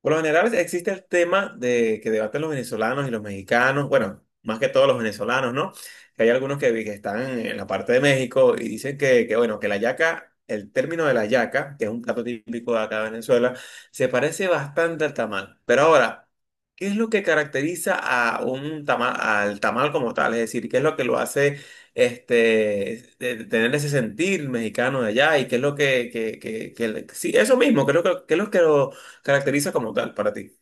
Por lo general existe el tema de que debaten los venezolanos y los mexicanos, bueno, más que todos los venezolanos, ¿no? Que hay algunos que están en la parte de México y dicen bueno, que la yaca, el término de la yaca, que es un plato típico de acá de Venezuela, se parece bastante al tamal. Pero ahora, ¿qué es lo que caracteriza a un tamal, al tamal como tal? Es decir, ¿qué es lo que lo hace tener ese sentir mexicano de allá? ¿Y qué es lo sí, eso mismo, creo que es lo que lo caracteriza como tal para ti?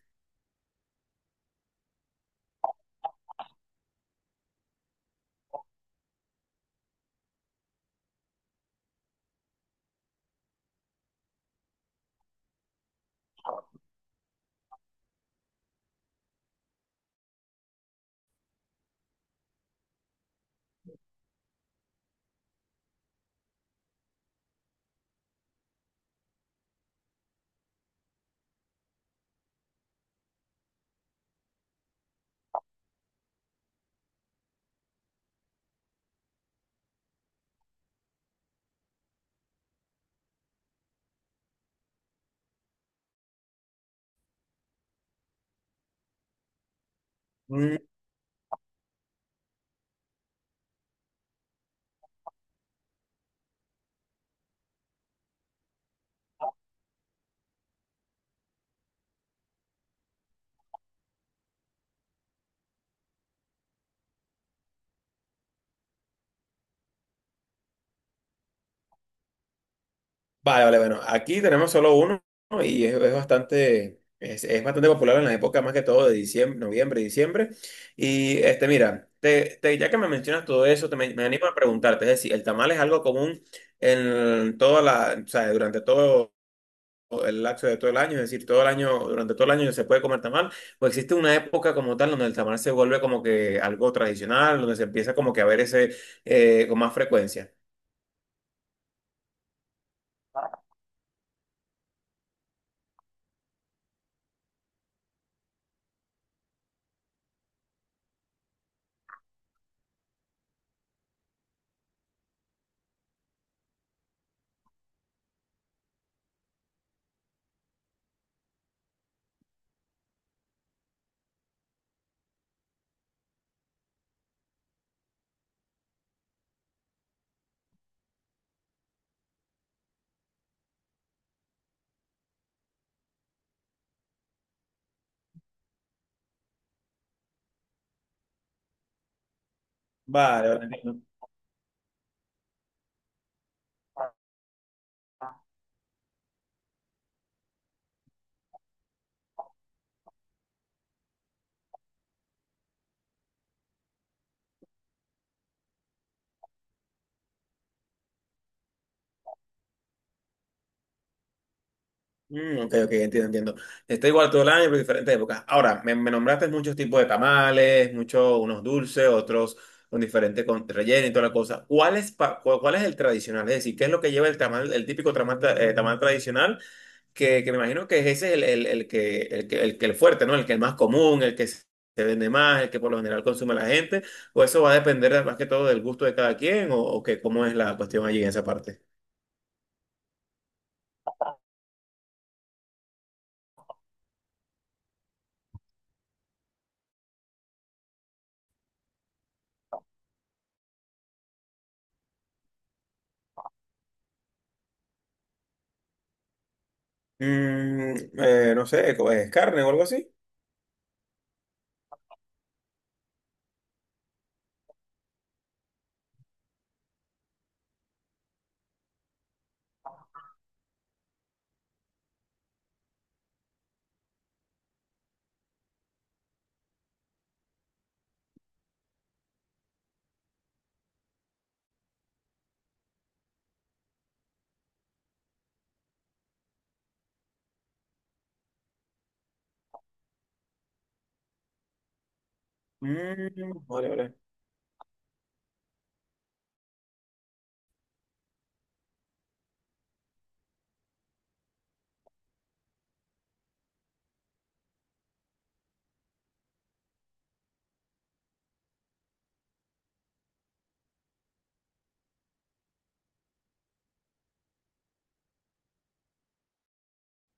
Mm. Vale, vale, bueno, aquí tenemos solo uno, ¿no? Y es bastante, es bastante popular en la época más que todo de diciembre, noviembre, diciembre. Y este, mira, ya que me mencionas todo eso, me animo a preguntarte, es decir, ¿el tamal es algo común en toda la, o sea, durante todo el lapso de todo el año? Es decir, todo el año, durante todo el año se puede comer tamal, o existe una época como tal donde el tamal se vuelve como que algo tradicional, donde se empieza como que a ver ese, con más frecuencia. Vale, vale. Mm, ok, ok, entiendo, entiendo. Está igual todo el año, pero diferentes épocas. Ahora, me nombraste muchos tipos de tamales, muchos, unos dulces, otros con diferente con relleno y toda la cosa. ¿Cuál es, cuál es el tradicional? Es decir, ¿qué es lo que lleva el tamal, el típico tamal, tamal tradicional? Que me imagino que ese es el que el fuerte, ¿no? El que es más común, el que se vende más, el que por lo general consume la gente. ¿O eso va a depender más que todo del gusto de cada quien? O qué, cómo es la cuestión allí en esa parte? Mm, no sé, ¿es carne o algo así? Mm, vale, vale.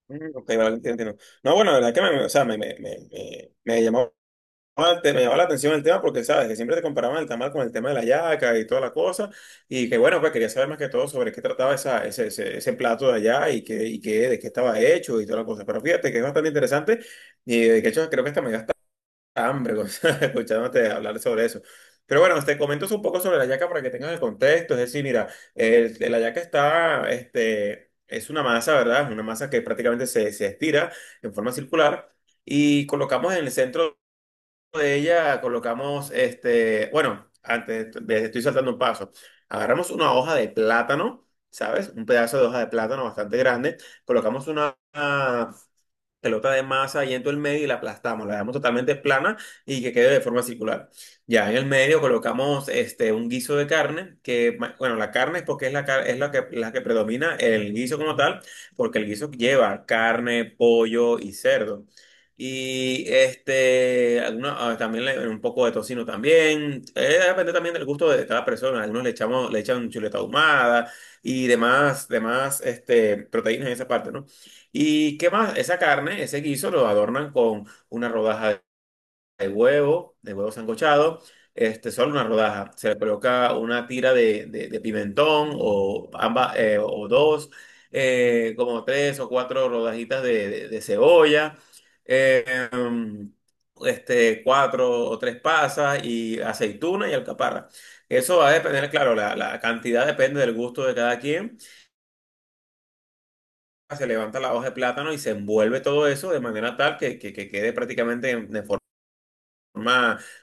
Mm, ok, vale, entiendo, entiendo. No, bueno, la verdad que me, o sea, me- me llamó, me llamó la atención el tema porque, sabes, que siempre te comparaban el tamal con el tema de la yaca y toda la cosa. Y que, bueno, pues quería saber más que todo sobre qué trataba ese plato de allá y, qué, de qué estaba hecho y toda la cosa. Pero fíjate que es bastante interesante y de hecho creo que hasta me hambre, Gonzalo, escuchándote hablar sobre eso. Pero bueno, te comento un poco sobre la yaca para que tengas el contexto. Es decir, mira, la yaca está, este, es una masa, ¿verdad? Es una masa que prácticamente se estira en forma circular y colocamos en el centro de ella, colocamos, este, bueno, antes, estoy saltando un paso. Agarramos una hoja de plátano, ¿sabes? Un pedazo de hoja de plátano bastante grande. Colocamos una pelota de masa y en todo el medio y la aplastamos, la dejamos totalmente plana y que quede de forma circular. Ya en el medio colocamos este, un guiso de carne, bueno, la carne es porque es es la que predomina el guiso como tal, porque el guiso lleva carne, pollo y cerdo. Y este, también un poco de tocino también. Depende también del gusto de cada persona. Algunos le echan chuleta ahumada y demás, demás este, proteínas en esa parte, ¿no? ¿Y qué más? Esa carne, ese guiso lo adornan con una rodaja de huevo sancochado, este, solo una rodaja. Se le coloca una tira de pimentón o, ambas, o dos, como tres o cuatro rodajitas de cebolla, eh, em, este, cuatro o tres pasas y aceituna y alcaparra. Eso va a depender, claro, la cantidad depende del gusto de cada quien. Se levanta la hoja de plátano y se envuelve todo eso de manera tal que quede prácticamente de forma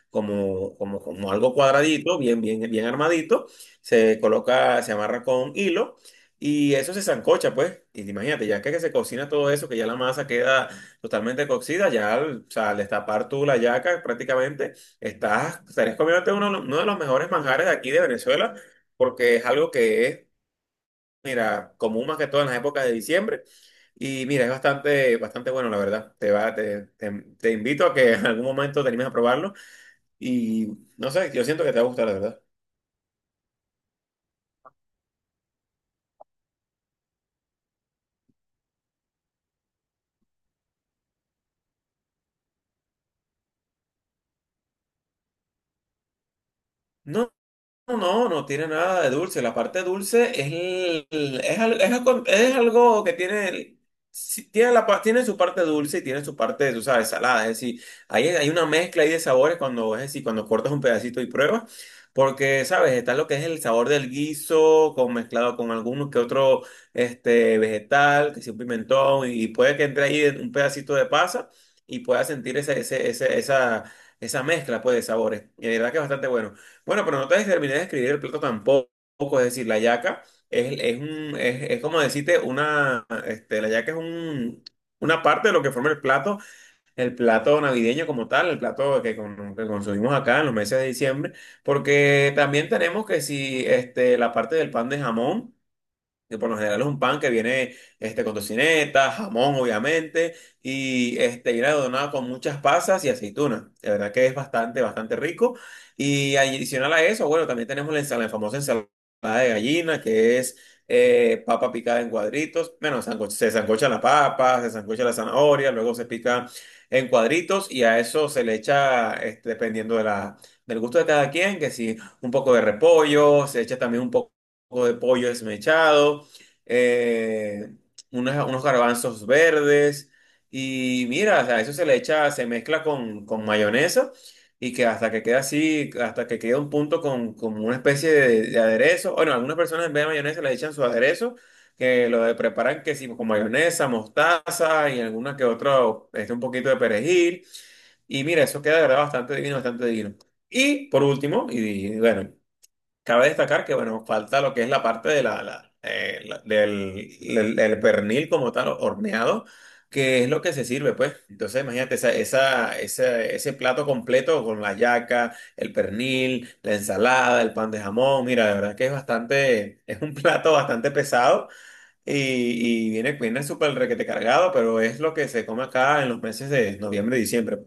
como, como algo cuadradito, bien, bien, bien armadito. Se coloca, se amarra con hilo y eso se sancocha, pues. Y imagínate, ya que se cocina todo eso, que ya la masa queda totalmente cocida, ya al, o sea, al destapar tú la yaca, prácticamente estás, estarías comiéndote uno de los mejores manjares de aquí de Venezuela, porque es algo que es, mira, común más que todo en las épocas de diciembre. Y mira, es bastante, bastante bueno, la verdad. Te va, te invito a que en algún momento te animes a probarlo. Y no sé, yo siento que te va a gustar, la verdad. No. No, no tiene nada de dulce. La parte dulce es, es algo, es algo que tiene, sí, tiene, tiene su parte dulce y tiene su parte, tú sabes, salada. Es decir, hay una mezcla ahí de sabores cuando, es decir, cuando cortas un pedacito y pruebas. Porque, sabes, está lo que es el sabor del guiso con, mezclado con alguno que otro este, vegetal, que sea un pimentón, y puede que entre ahí un pedacito de pasa y puedas sentir esa mezcla, pues, de sabores. Y de verdad que es bastante bueno. Bueno, pero no te terminé de escribir el plato tampoco. Es decir, la yaca es como decirte una. Este, la yaca es un, una parte de lo que forma el plato navideño como tal, el plato que consumimos acá en los meses de diciembre. Porque también tenemos que si este, la parte del pan de jamón que por lo general es un pan que viene este, con tocineta, jamón, obviamente, y este, viene adornado con muchas pasas y aceitunas. De verdad que es bastante, bastante rico. Y adicional a eso, bueno, también tenemos la ensalada, la famosa ensalada de gallina, que es papa picada en cuadritos. Bueno, se sancocha la papa, se sancocha la zanahoria, luego se pica en cuadritos y a eso se le echa, este, dependiendo de del gusto de cada quien, que si un poco de repollo, se echa también un poco poco de pollo desmechado, eh, unos garbanzos verdes. Y mira, o sea, eso se le echa, se mezcla con mayonesa y que hasta que queda así, hasta que queda un punto con una especie de aderezo. Bueno, algunas personas en vez de mayonesa le echan su aderezo, preparan que sí, con mayonesa, mostaza y alguna que otra, este, un poquito de perejil. Y mira, eso queda de verdad bastante divino, bastante divino. Y por último, y, bueno, cabe destacar que, bueno, falta lo que es la parte de del, del pernil como tal, horneado, que es lo que se sirve, pues. Entonces, imagínate, ese plato completo con la yaca, el pernil, la ensalada, el pan de jamón. Mira, la verdad que es bastante, es un plato bastante pesado y viene, viene súper requete cargado, pero es lo que se come acá en los meses de noviembre y diciembre.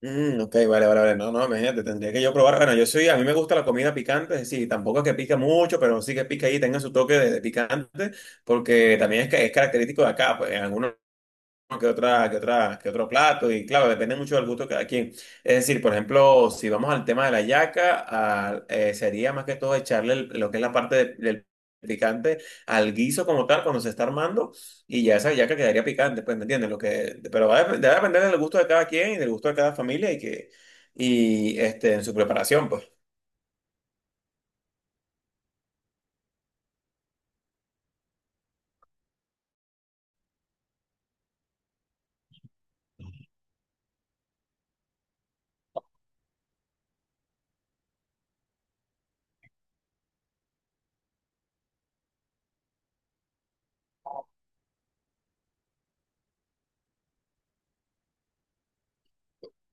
Mm, ok, vale, vale, vale. No, no, imagínate, tendría que yo probar. Bueno, yo soy, a mí me gusta la comida picante, es decir, tampoco es que pica mucho, pero sí que pica ahí, tenga su toque de picante, porque también es, es característico de acá, pues en algunos que otro plato, y claro, depende mucho del gusto de cada quien. Es decir, por ejemplo, si vamos al tema de la yaca, sería más que todo echarle lo que es la parte del picante al guiso como tal cuando se está armando, y ya esa yaca quedaría picante, pues, ¿me entiendes? Lo que, pero va a, debe depender del gusto de cada quien y del gusto de cada familia y que, y este, en su preparación, pues.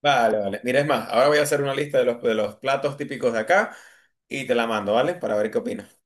Vale, vale. Mira, es más, ahora voy a hacer una lista de los platos típicos de acá y te la mando, ¿vale? Para ver qué opinas.